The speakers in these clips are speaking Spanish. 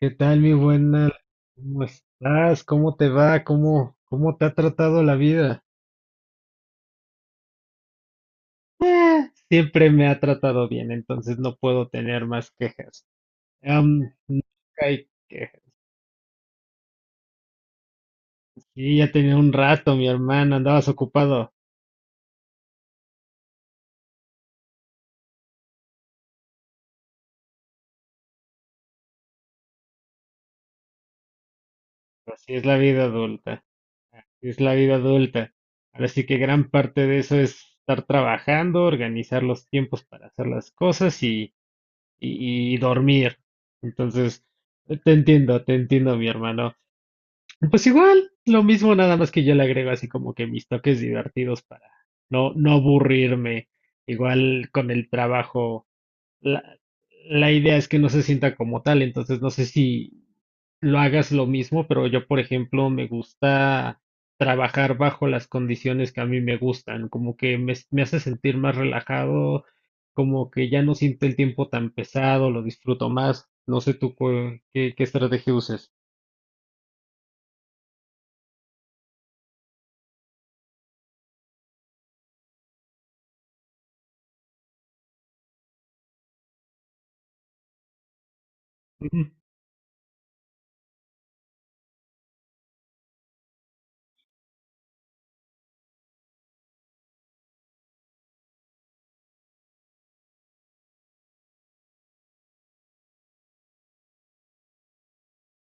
¿Qué tal, mi buena? ¿Cómo estás? ¿Cómo te va? ¿Cómo te ha tratado la vida? Ah, siempre me ha tratado bien, entonces no puedo tener más quejas. Am, Nunca hay quejas. Sí, ya tenía un rato, mi hermana, andabas ocupado. Pero así es la vida adulta, así es la vida adulta. Ahora sí que gran parte de eso es estar trabajando, organizar los tiempos para hacer las cosas y dormir. Entonces, te entiendo, mi hermano. Pues igual, lo mismo, nada más que yo le agrego así como que mis toques divertidos para no aburrirme. Igual con el trabajo, la, la idea es que no se sienta como tal, entonces no sé si lo hagas lo mismo, pero yo, por ejemplo, me gusta trabajar bajo las condiciones que a mí me gustan, como que me hace sentir más relajado, como que ya no siento el tiempo tan pesado, lo disfruto más. No sé tú qué estrategia uses.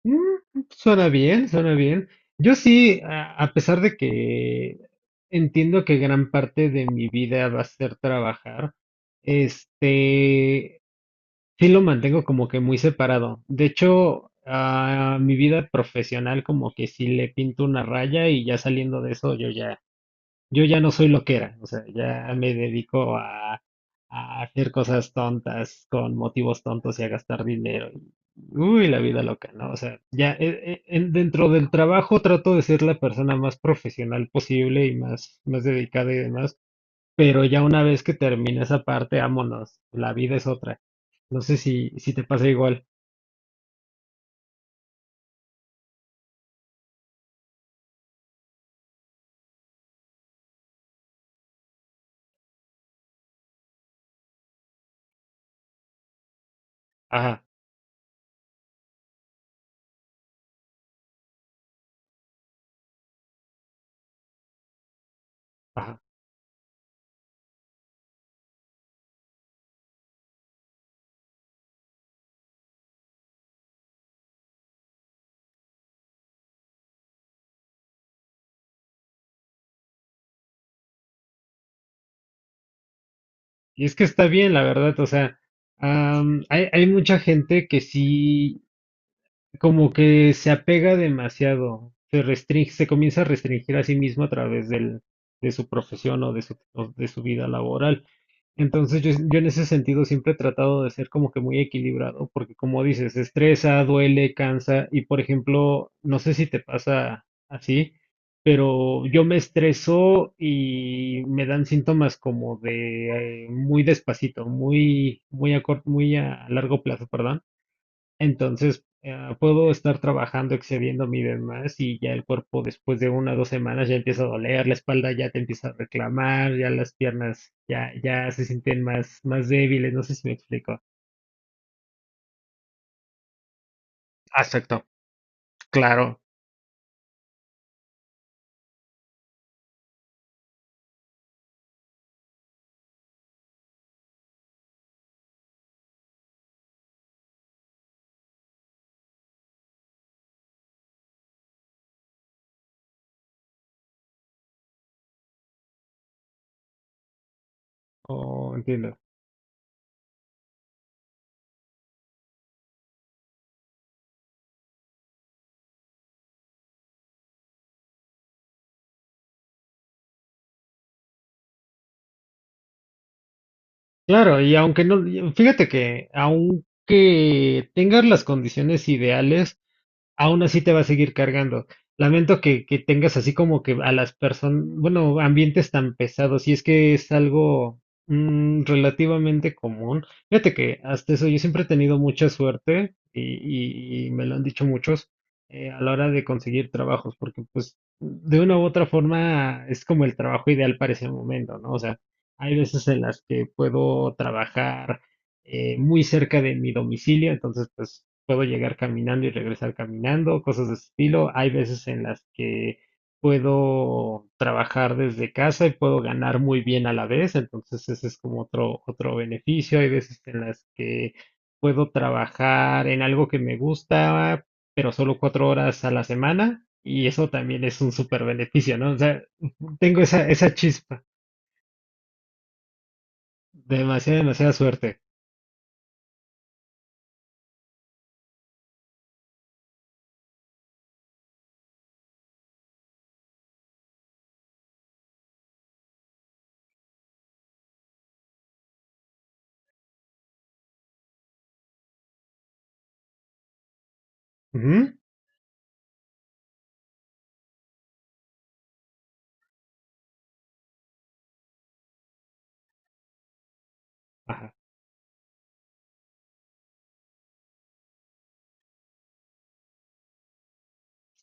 Suena bien, suena bien. Yo sí, a pesar de que entiendo que gran parte de mi vida va a ser trabajar, este, sí lo mantengo como que muy separado. De hecho, a mi vida profesional como que sí le pinto una raya y ya saliendo de eso yo ya no soy lo que era, o sea, ya me dedico a hacer cosas tontas con motivos tontos y a gastar dinero. Y, uy, la vida loca, ¿no? O sea, ya dentro del trabajo trato de ser la persona más profesional posible y más, más dedicada y demás, pero ya una vez que termina esa parte, vámonos, la vida es otra. No sé si te pasa igual. Ajá, ajá. Y es que está bien, la verdad, o sea. Hay mucha gente que sí, como que se apega demasiado, se restringe, se comienza a restringir a sí mismo a través de su profesión o de su vida laboral. Entonces yo en ese sentido siempre he tratado de ser como que muy equilibrado, porque como dices, estresa, duele, cansa, y por ejemplo, no sé si te pasa así, pero yo me estreso y me dan síntomas como de muy despacito, muy a corto, muy a largo plazo, perdón. Entonces, puedo estar trabajando excediendo mi demás y ya el cuerpo después de 1 o 2 semanas ya empieza a doler, la espalda ya te empieza a reclamar, ya las piernas ya se sienten más, más débiles, no sé si me explico. Acepto, claro. Oh, entiendo. Claro, y aunque no, y fíjate que aunque tengas las condiciones ideales, aún así te va a seguir cargando. Lamento que tengas así como que a las personas, bueno, ambientes tan pesados, y es que es algo relativamente común. Fíjate que hasta eso yo siempre he tenido mucha suerte y me lo han dicho muchos a la hora de conseguir trabajos, porque pues de una u otra forma es como el trabajo ideal para ese momento, ¿no? O sea, hay veces en las que puedo trabajar muy cerca de mi domicilio, entonces pues puedo llegar caminando y regresar caminando, cosas de ese estilo. Hay veces en las que puedo trabajar desde casa y puedo ganar muy bien a la vez, entonces ese es como otro, otro beneficio. Hay veces en las que puedo trabajar en algo que me gusta, pero solo 4 horas a la semana y eso también es un súper beneficio, ¿no? O sea, tengo esa chispa, demasiada, demasiada suerte. Ujú. Ajá,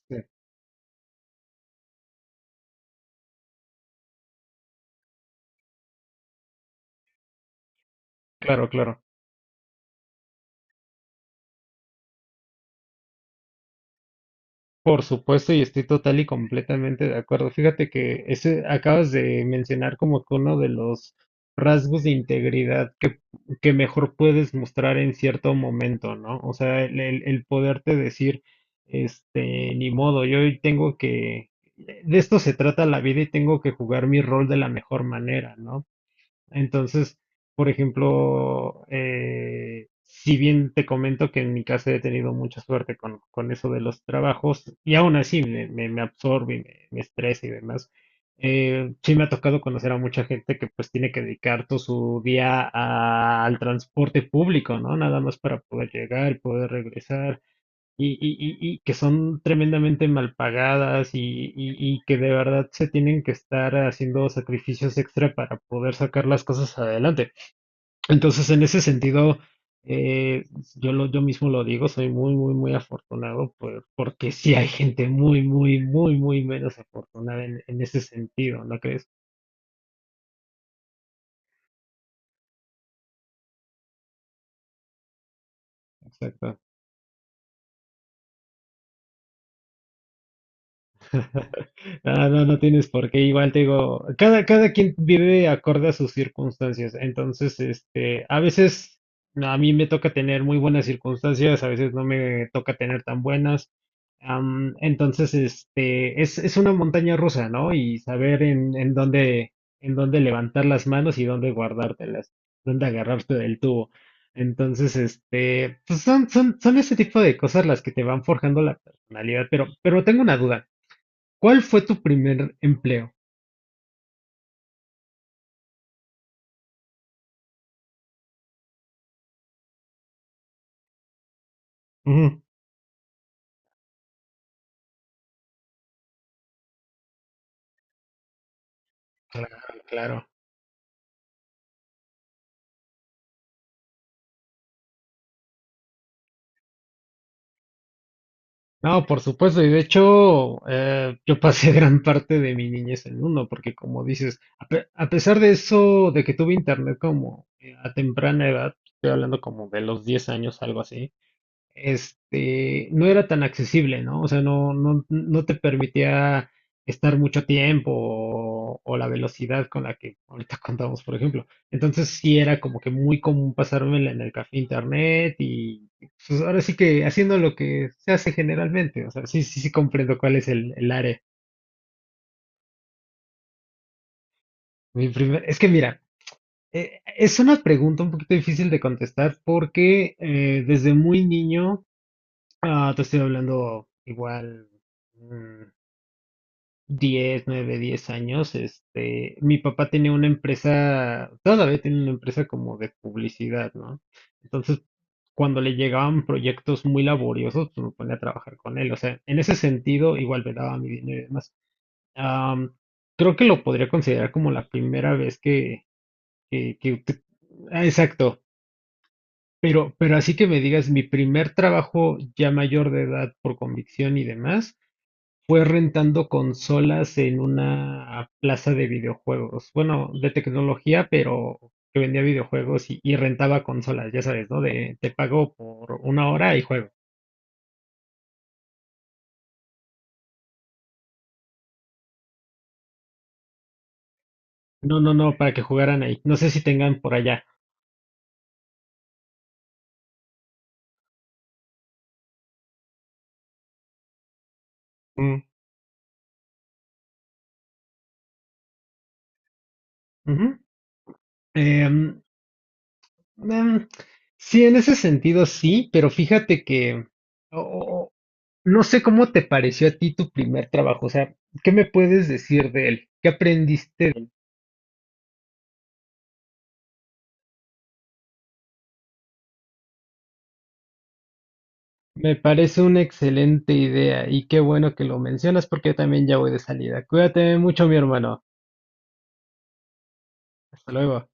sí, claro, claro. Por supuesto, y estoy total y completamente de acuerdo. Fíjate que ese acabas de mencionar como que uno de los rasgos de integridad que mejor puedes mostrar en cierto momento, ¿no? O sea, el poderte decir, este, ni modo, yo hoy tengo que, de esto se trata la vida y tengo que jugar mi rol de la mejor manera, ¿no? Entonces, por ejemplo, si bien te comento que en mi caso he tenido mucha suerte con eso de los trabajos, y aún así me absorbe, y me estresa y demás, sí me ha tocado conocer a mucha gente que pues tiene que dedicar todo su día al transporte público, ¿no? Nada más para poder llegar y poder regresar y que son tremendamente mal pagadas y que de verdad se tienen que estar haciendo sacrificios extra para poder sacar las cosas adelante. Entonces, en ese sentido, eh, yo mismo lo digo, soy muy, muy, muy afortunado porque sí hay gente muy, muy, muy, muy menos afortunada en ese sentido, ¿no crees? Exacto. No, no, no tienes por qué. Igual te digo, cada quien vive acorde a sus circunstancias. Entonces, este, a veces no, a mí me toca tener muy buenas circunstancias, a veces no me toca tener tan buenas. Entonces, este, es, una montaña rusa, ¿no? Y saber en dónde levantar las manos y dónde guardártelas, dónde agarrarte del tubo. Entonces, este, pues son ese tipo de cosas las que te van forjando la personalidad. Pero tengo una duda. ¿Cuál fue tu primer empleo? Ujú. Claro, claro. No, por supuesto, y de hecho, yo pasé gran parte de mi niñez en uno, porque como dices, a pesar de eso, de que tuve internet como a temprana edad, estoy hablando como de los 10 años, algo así, este, no era tan accesible, ¿no? O sea, no, no, no te permitía estar mucho tiempo o la velocidad con la que ahorita contamos, por ejemplo. Entonces sí era como que muy común pasármela en el café internet y pues ahora sí que haciendo lo que se hace generalmente. O sea, sí, sí, sí comprendo cuál es el área. Es que mira, es una pregunta un poquito difícil de contestar porque desde muy niño, te estoy hablando igual. mm, Diez 9 10 años, este, mi papá tenía una empresa, todavía tiene una empresa como de publicidad, ¿no? Entonces, cuando le llegaban proyectos muy laboriosos, pues me ponía a trabajar con él. O sea, en ese sentido, igual me daba mi dinero y demás. Am, creo que lo podría considerar como la primera vez que, que ah, exacto. Pero así que me digas, mi primer trabajo ya mayor de edad por convicción y demás. Fue rentando consolas en una plaza de videojuegos, bueno, de tecnología, pero que vendía videojuegos y rentaba consolas, ya sabes, ¿no? De te pago por 1 hora y juego. No, no, no, para que jugaran ahí. No sé si tengan por allá. Mm. Ujú. Em, em, sí, en ese sentido sí, pero fíjate que o- o- o, no sé cómo te pareció a ti tu primer trabajo, o sea, ¿qué me puedes decir de él? ¿Qué aprendiste? Me parece una excelente idea y qué bueno que lo mencionas porque yo también ya voy de salida. Cuídate mucho, mi hermano. Hasta luego.